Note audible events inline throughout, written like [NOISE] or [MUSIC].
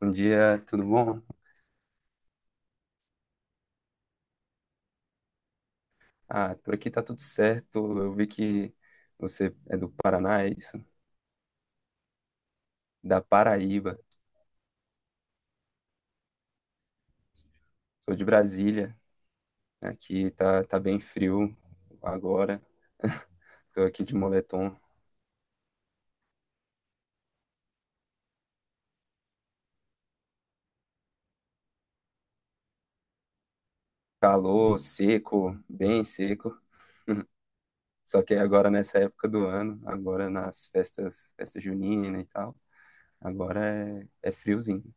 Bom dia, tudo bom? Ah, por aqui tá tudo certo. Eu vi que você é do Paraná, é isso? Da Paraíba. Sou de Brasília. Aqui tá bem frio agora. Tô aqui de moletom. Calor, seco, bem seco. Só que agora nessa época do ano, agora nas festas, festa junina e tal, agora é friozinho.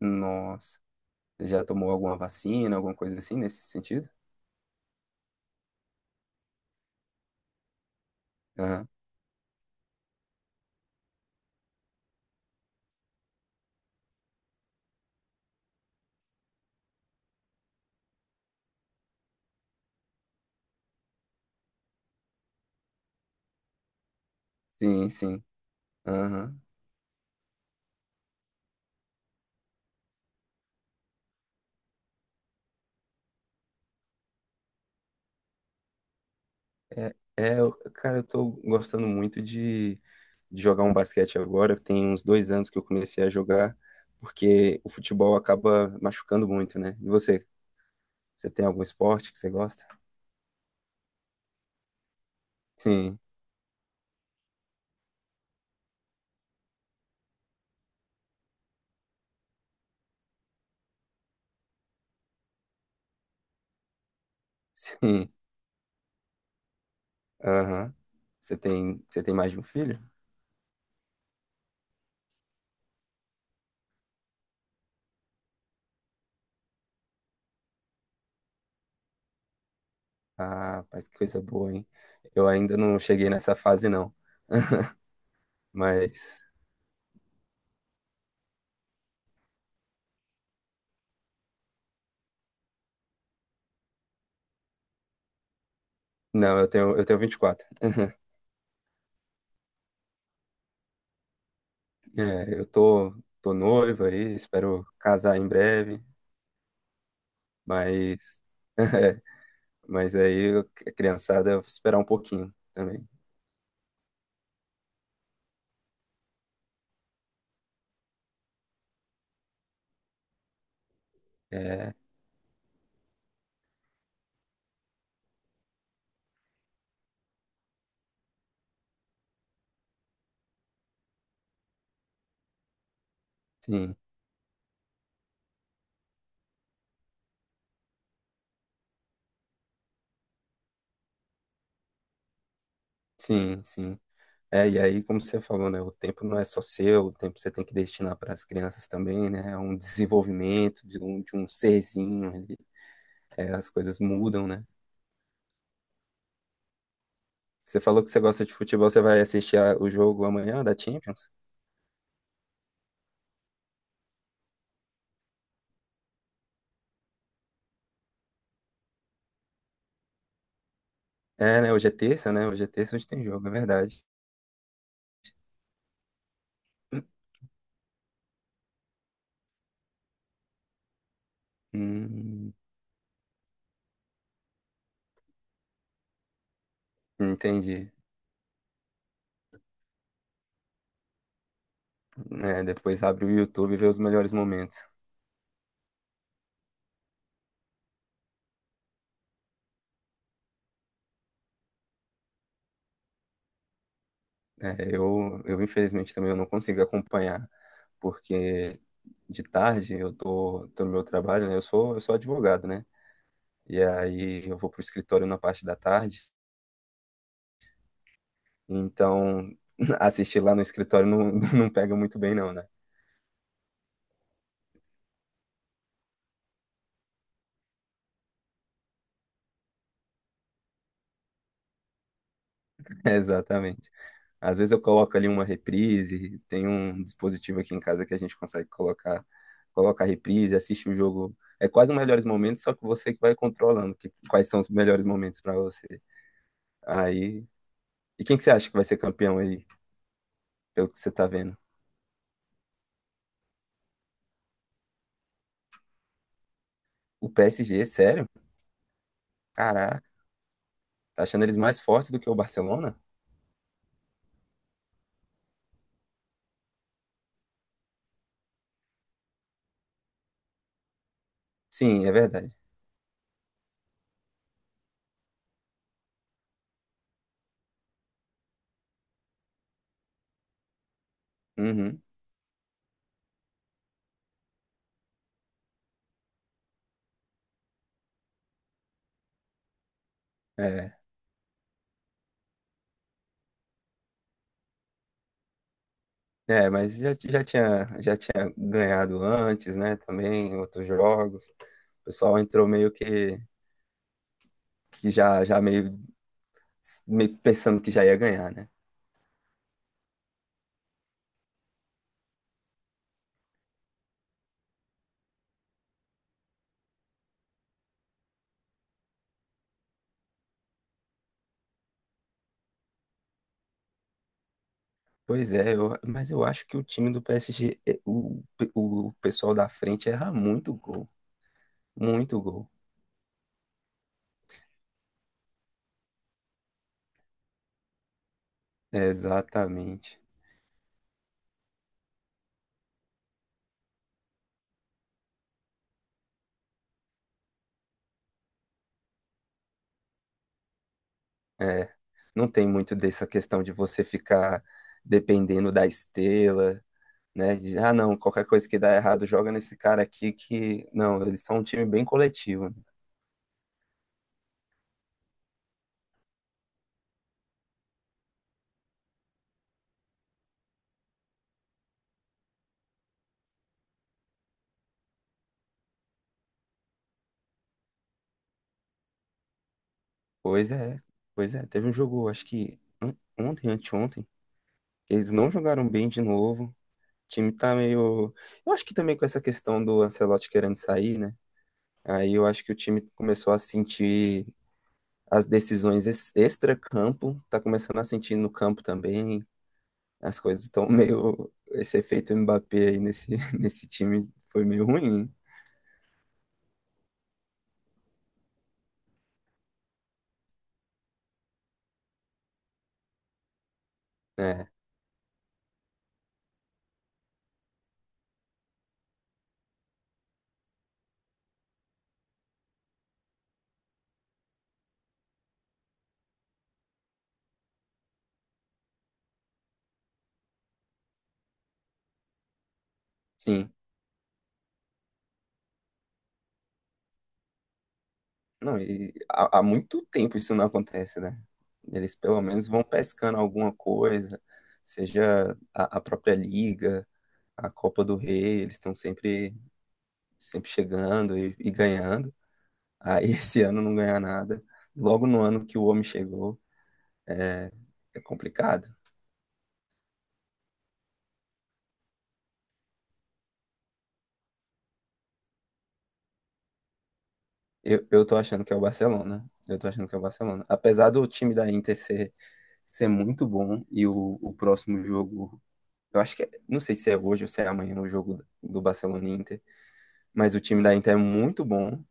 Nossa. Você já tomou alguma vacina, alguma coisa assim nesse sentido? Aham. Sim, sim. Aham. Cara, eu tô gostando muito de jogar um basquete agora. Tem uns dois anos que eu comecei a jogar, porque o futebol acaba machucando muito, né? E você tem algum esporte que você gosta? Sim, [LAUGHS] sim. Aham. Você tem mais de um filho? Ah, rapaz, que coisa boa, hein? Eu ainda não cheguei nessa fase, não. [LAUGHS] Mas, não, eu tenho 24. É, tô noivo aí, espero casar em breve, mas [LAUGHS] Mas aí a criançada eu vou esperar um pouquinho também. É, sim, sim, sim. É, e aí, como você falou, né? O tempo não é só seu, o tempo você tem que destinar para as crianças também, né? É um desenvolvimento de um serzinho ali. É, as coisas mudam, né? Você falou que você gosta de futebol, você vai assistir a- o jogo amanhã da Champions? É, né? Hoje é terça, né? Hoje é terça, hoje tem jogo, é verdade. Hum, entendi. É, depois abre o YouTube e vê os melhores momentos. É, eu infelizmente também eu não consigo acompanhar, porque de tarde tô no meu trabalho, né? Eu sou advogado, né? E aí eu vou pro escritório na parte da tarde, então [LAUGHS] assistir lá no escritório não, [LAUGHS] não pega muito bem não, né? [LAUGHS] Exatamente. Às vezes eu coloco ali uma reprise, tem um dispositivo aqui em casa que a gente consegue colocar, colocar reprise, assiste o jogo. É quase os melhores momentos, só que você que vai controlando que- quais são os melhores momentos para você. Aí e quem que você acha que vai ser campeão aí, pelo que você tá vendo? O PSG, sério? Caraca, tá achando eles mais fortes do que o Barcelona? Sim, é verdade. Uhum, é. É, mas já tinha ganhado antes, né? Também, em outros jogos. O pessoal entrou meio que já, meio pensando que já ia ganhar, né? Pois é, eu- mas eu acho que o time do PSG, é- o pessoal da frente erra muito gol. Muito gol. Exatamente. É, não tem muito dessa questão de você ficar dependendo da estrela, né? De, ah, não, qualquer coisa que dá errado, joga nesse cara aqui que. Não, eles são um time bem coletivo, né? Pois é, pois é. Teve um jogo, acho que on- ontem, anteontem, que eles não jogaram bem de novo. O time tá meio. Eu acho que também com essa questão do Ancelotti querendo sair, né? Aí eu acho que o time começou a sentir as decisões ex- extra-campo, tá começando a sentir no campo também. As coisas estão meio. Esse efeito Mbappé aí nesse, [LAUGHS] nesse time foi meio ruim, né? Sim. Não, e há muito tempo isso não acontece, né? Eles pelo menos vão pescando alguma coisa, seja a própria Liga, a Copa do Rei, eles estão sempre, sempre chegando e ganhando. Aí [LAUGHS] esse ano não ganhar nada. Logo no ano que o homem chegou, é, é complicado. Eu tô achando que é o Barcelona. Eu tô achando que é o Barcelona. Apesar do time da Inter ser isso é muito bom. E o próximo jogo, eu acho que, é- não sei se é hoje ou se é amanhã no jogo do Barcelona e Inter, mas o time da Inter é muito bom,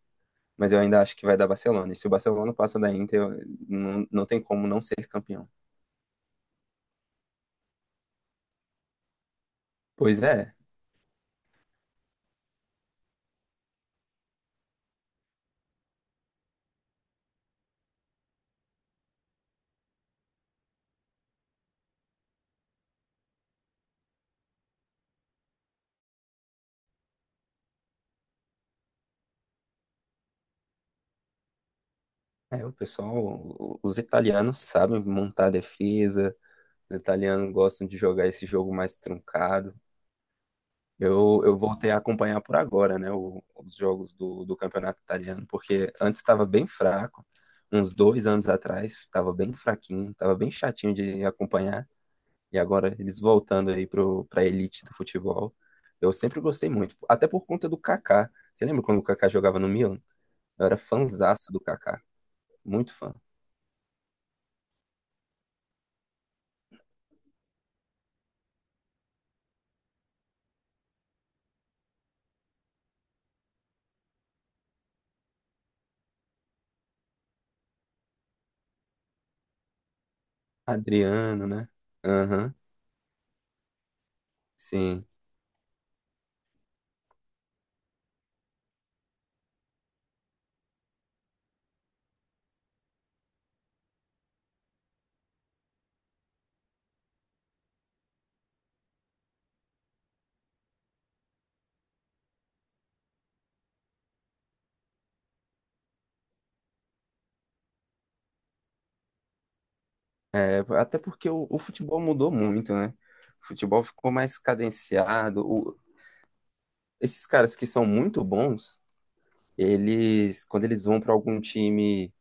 mas eu ainda acho que vai dar Barcelona. E se o Barcelona passa da Inter, eu- não, não tem como não ser campeão. Pois é, é, o pessoal, o- os italianos sabem montar defesa, os italianos gostam de jogar esse jogo mais truncado. Eu voltei a acompanhar por agora, né, o- os jogos do campeonato italiano, porque antes estava bem fraco, uns dois anos atrás estava bem fraquinho, estava bem chatinho de acompanhar, e agora eles voltando aí para a elite do futebol. Eu sempre gostei muito, até por conta do Kaká. Você lembra quando o Kaká jogava no Milan? Eu era fanzaço do Kaká, muito fã. Adriano, né? Aham, sim. É, até porque o futebol mudou muito, né? O futebol ficou mais cadenciado. O, esses caras que são muito bons, eles, quando eles vão para algum time,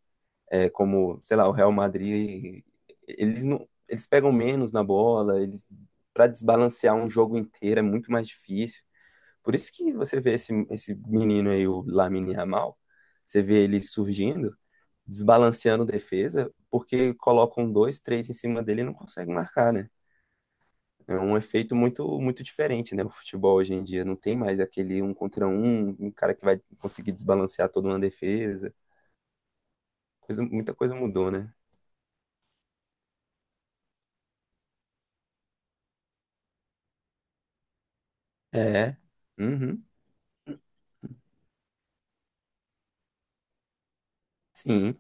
é, como, sei lá, o Real Madrid, eles não, eles pegam menos na bola, eles para desbalancear um jogo inteiro é muito mais difícil. Por isso que você vê esse menino aí, o Lamine Yamal, você vê ele surgindo, desbalanceando defesa, porque colocam dois, três em cima dele e não consegue marcar, né? É um efeito muito muito diferente, né? O futebol hoje em dia não tem mais aquele um contra um, um cara que vai conseguir desbalancear toda uma defesa. Coisa, muita coisa mudou, né? É. Uhum. Sim.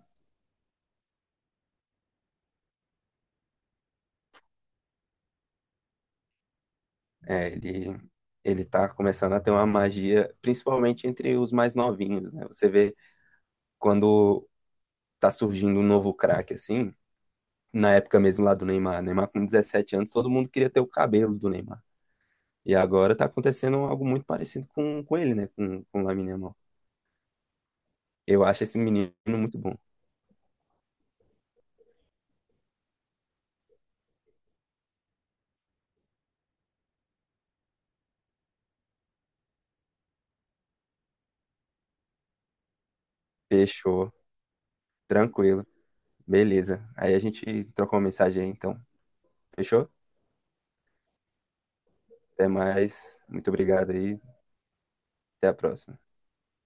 É, ele tá começando a ter uma magia, principalmente entre os mais novinhos, né? Você vê quando tá surgindo um novo craque assim, na época mesmo lá do Neymar, Neymar com 17 anos, todo mundo queria ter o cabelo do Neymar. E agora tá acontecendo algo muito parecido com ele, né? Com o Lamine Yamal. Eu acho esse menino muito bom. Fechou. Tranquilo. Beleza. Aí a gente trocou uma mensagem aí, então. Fechou? Até mais. Muito obrigado aí. Até a próxima.